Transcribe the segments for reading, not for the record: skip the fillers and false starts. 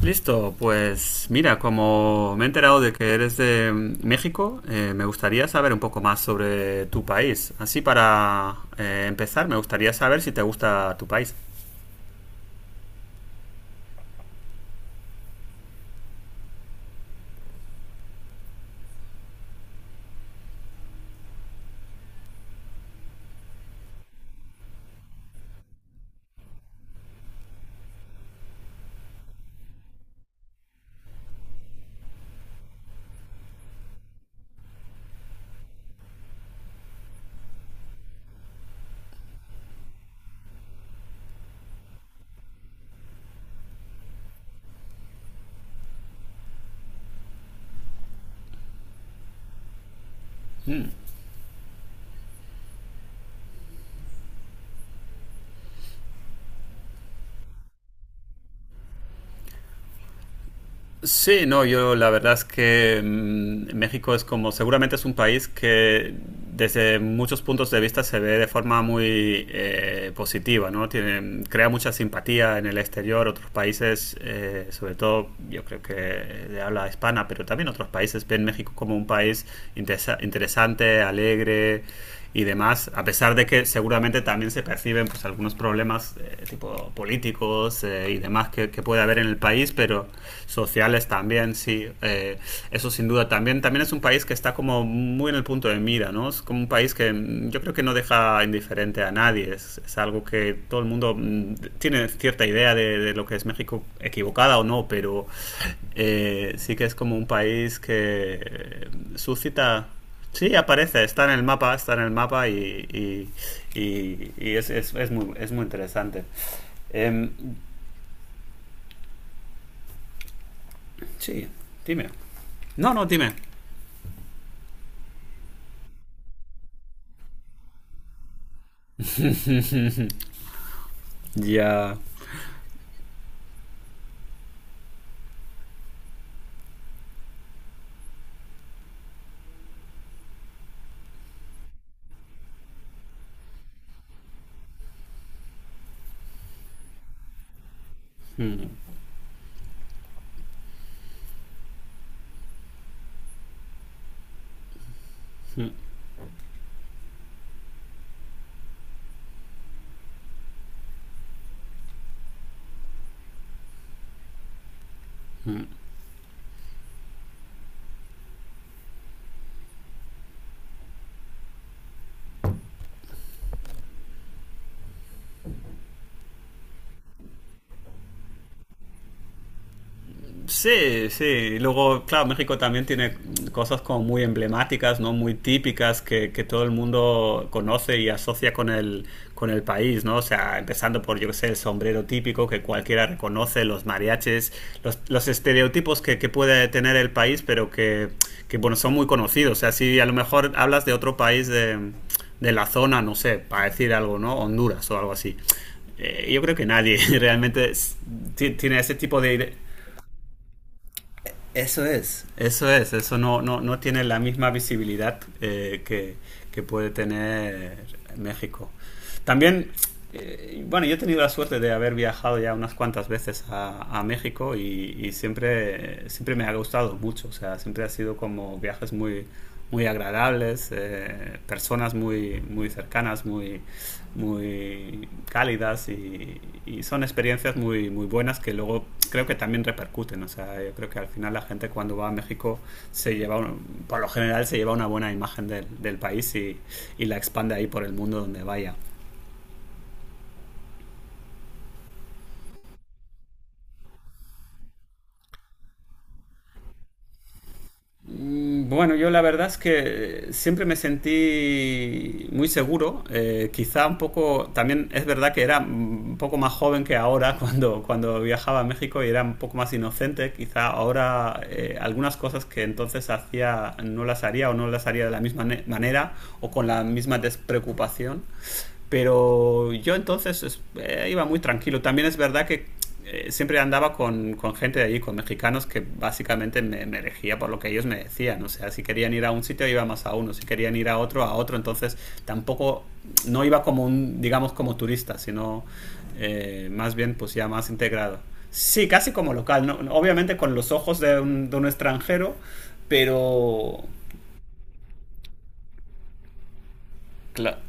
Listo, pues mira, como me he enterado de que eres de México, me gustaría saber un poco más sobre tu país. Así para empezar, me gustaría saber si te gusta tu país. Mm. Sí, no, yo la verdad es que México es como, seguramente es un país que desde muchos puntos de vista se ve de forma muy positiva, ¿no? Tiene, crea mucha simpatía en el exterior, otros países, sobre todo yo creo que de habla hispana, pero también otros países ven México como un país interesante, alegre, y demás, a pesar de que seguramente también se perciben pues algunos problemas tipo políticos y demás que puede haber en el país, pero sociales también, sí, eso sin duda también, también es un país que está como muy en el punto de mira, ¿no? Es como un país que yo creo que no deja indiferente a nadie, es algo que todo el mundo tiene cierta idea de lo que es México, equivocada o no, pero sí que es como un país que eh, suscita. Sí, aparece, está en el mapa, está en el mapa y es, es muy interesante. Em, sí, dime. No, no, dime. Ya. Mm, mm. Sí, sí. Luego, claro, México también tiene cosas como muy emblemáticas, ¿no? Muy típicas que todo el mundo conoce y asocia con el país, ¿no? O sea, empezando por, yo qué sé, el sombrero típico que cualquiera reconoce, los mariachis, los estereotipos que puede tener el país, pero bueno, son muy conocidos. O sea, si a lo mejor hablas de otro país de la zona, no sé, para decir algo, ¿no? Honduras o algo así. Yo creo que nadie realmente tiene ese tipo de, eso es. Eso es, eso no, no, no tiene la misma visibilidad que puede tener México. También, bueno, yo he tenido la suerte de haber viajado ya unas cuantas veces a México y siempre, siempre me ha gustado mucho, o sea, siempre ha sido como viajes muy, muy agradables, personas muy, muy cercanas, muy, muy cálidas y son experiencias muy, muy buenas que luego creo que también repercuten. O sea, yo creo que al final la gente cuando va a México se lleva, un- por lo general se lleva una buena imagen del país y la expande ahí por el mundo donde vaya. Bueno, yo la verdad es que siempre me sentí muy seguro, quizá un poco, también es verdad que era un poco más joven que ahora cuando viajaba a México y era un poco más inocente, quizá ahora algunas cosas que entonces hacía no las haría o no las haría de la misma manera o con la misma despreocupación. Pero yo entonces iba muy tranquilo. También es verdad que siempre andaba con gente de allí, con mexicanos, que básicamente me elegía por lo que ellos me decían. O sea, si querían ir a un sitio, iba más a uno. Si querían ir a otro, a otro. Entonces tampoco, no iba como un, digamos, como turista, sino más bien, pues ya más integrado. Sí, casi como local, ¿no? Obviamente con los ojos de un extranjero, pero... Claro.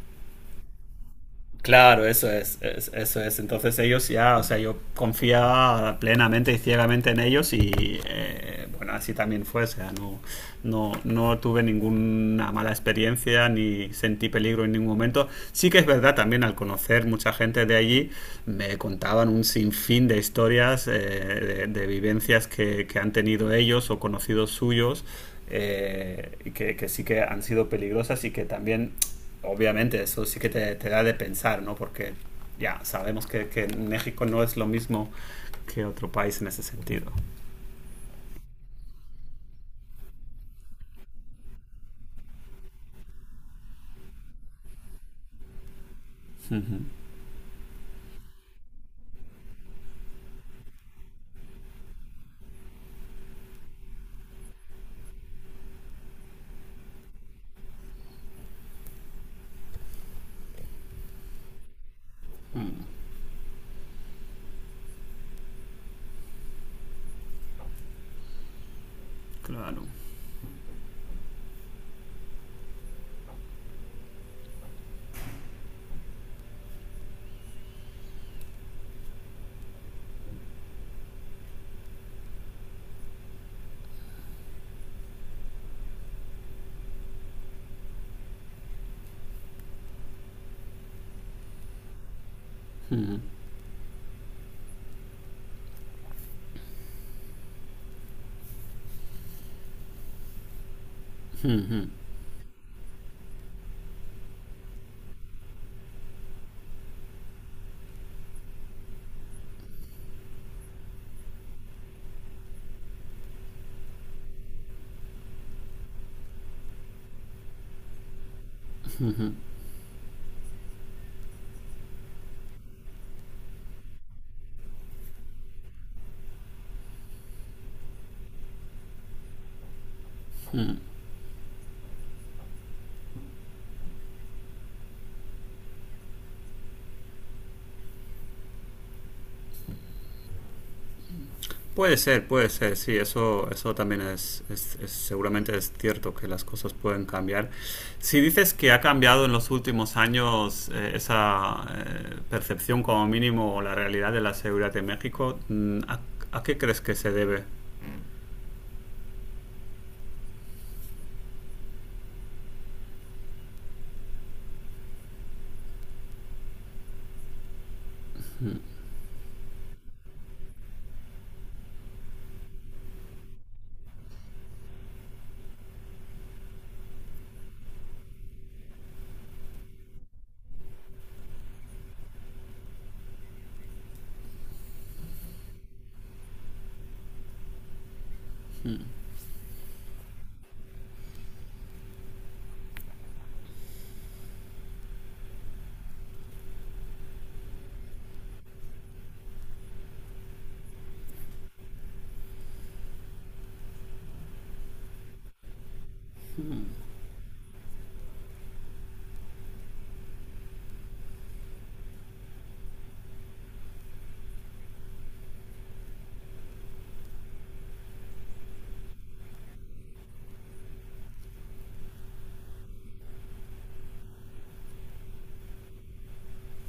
Claro, eso es, eso es. Entonces ellos ya, o sea, yo confiaba plenamente y ciegamente en ellos y bueno, así también fue. O sea, no, no, no tuve ninguna mala experiencia ni sentí peligro en ningún momento. Sí que es verdad también al conocer mucha gente de allí, me contaban un sinfín de historias, de vivencias que han tenido ellos o conocidos suyos y que sí que han sido peligrosas y que también obviamente eso sí que te da de pensar, ¿no? Porque ya sabemos que México no es lo mismo que otro país en ese sentido. Claro. Ujú, ujú, ujú. Puede ser, sí, eso también es, seguramente es cierto que las cosas pueden cambiar. Si dices que ha cambiado en los últimos años esa percepción como mínimo o la realidad de la seguridad en México, a qué crees que se debe?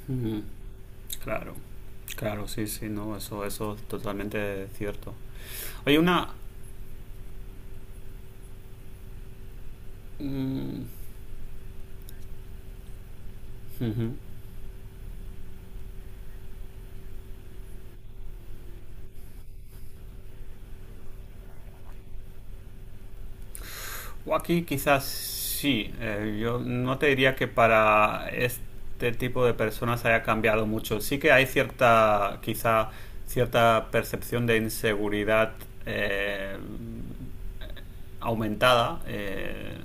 Ujú. Claro, claro, sí, sí, no, eso es totalmente cierto. Oye, una... mm, ujú. O aquí quizás sí, yo no te diría que para este tipo de personas haya cambiado mucho. Sí que hay cierta, quizá, cierta percepción de inseguridad eh, aumentada.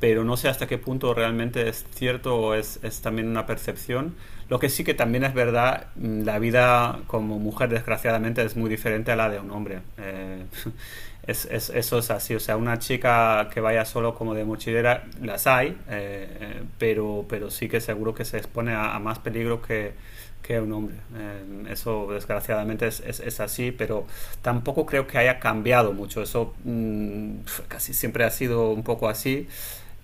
Pero no sé hasta qué punto realmente es cierto o es también una percepción. Lo que sí que también es verdad, la vida como mujer desgraciadamente es muy diferente a la de un hombre. Es, eso es así, o sea, una chica que vaya solo como de mochilera, las hay, pero sí que seguro que se expone a más peligro que un hombre. Eso desgraciadamente es, así, pero tampoco creo que haya cambiado mucho. Eso casi siempre ha sido un poco así.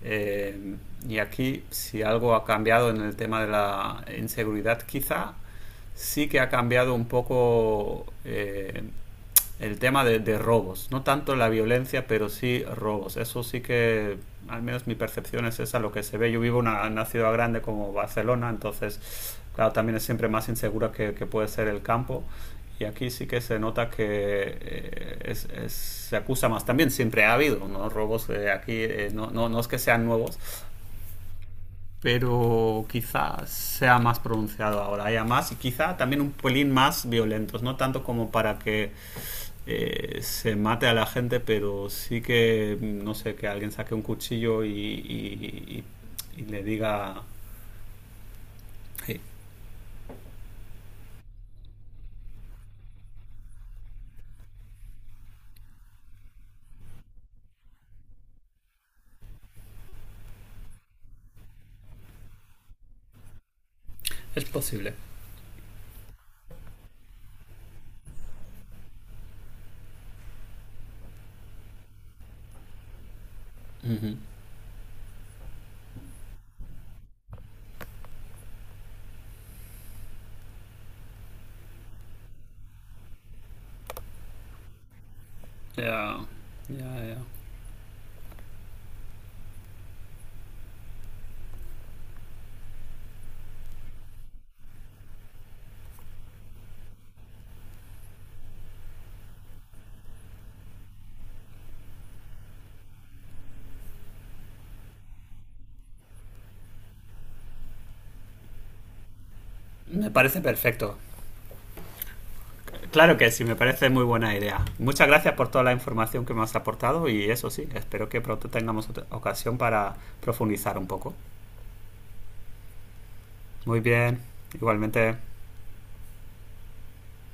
Eh, y aquí, si algo ha cambiado en el tema de la inseguridad, quizá sí que ha cambiado un poco el tema de robos. No tanto la violencia, pero sí robos. Eso sí que, al menos mi percepción es esa, lo que se ve. Yo vivo en una ciudad grande como Barcelona, entonces, claro, también es siempre más insegura que puede ser el campo y aquí sí que se nota que se acusa más. También siempre ha habido, ¿no?, robos no, no, no es que sean nuevos, pero quizá sea más pronunciado ahora, haya más y quizá también un pelín más violentos, no tanto como para que se mate a la gente, pero sí que, no sé, que alguien saque un cuchillo y le diga... "Hey". Es posible. Ujú. Ya, ya, ya. Me parece perfecto. Claro que sí, me parece muy buena idea. Muchas gracias por toda la información que me has aportado y eso sí, espero que pronto tengamos otra ocasión para profundizar un poco. Muy bien, igualmente.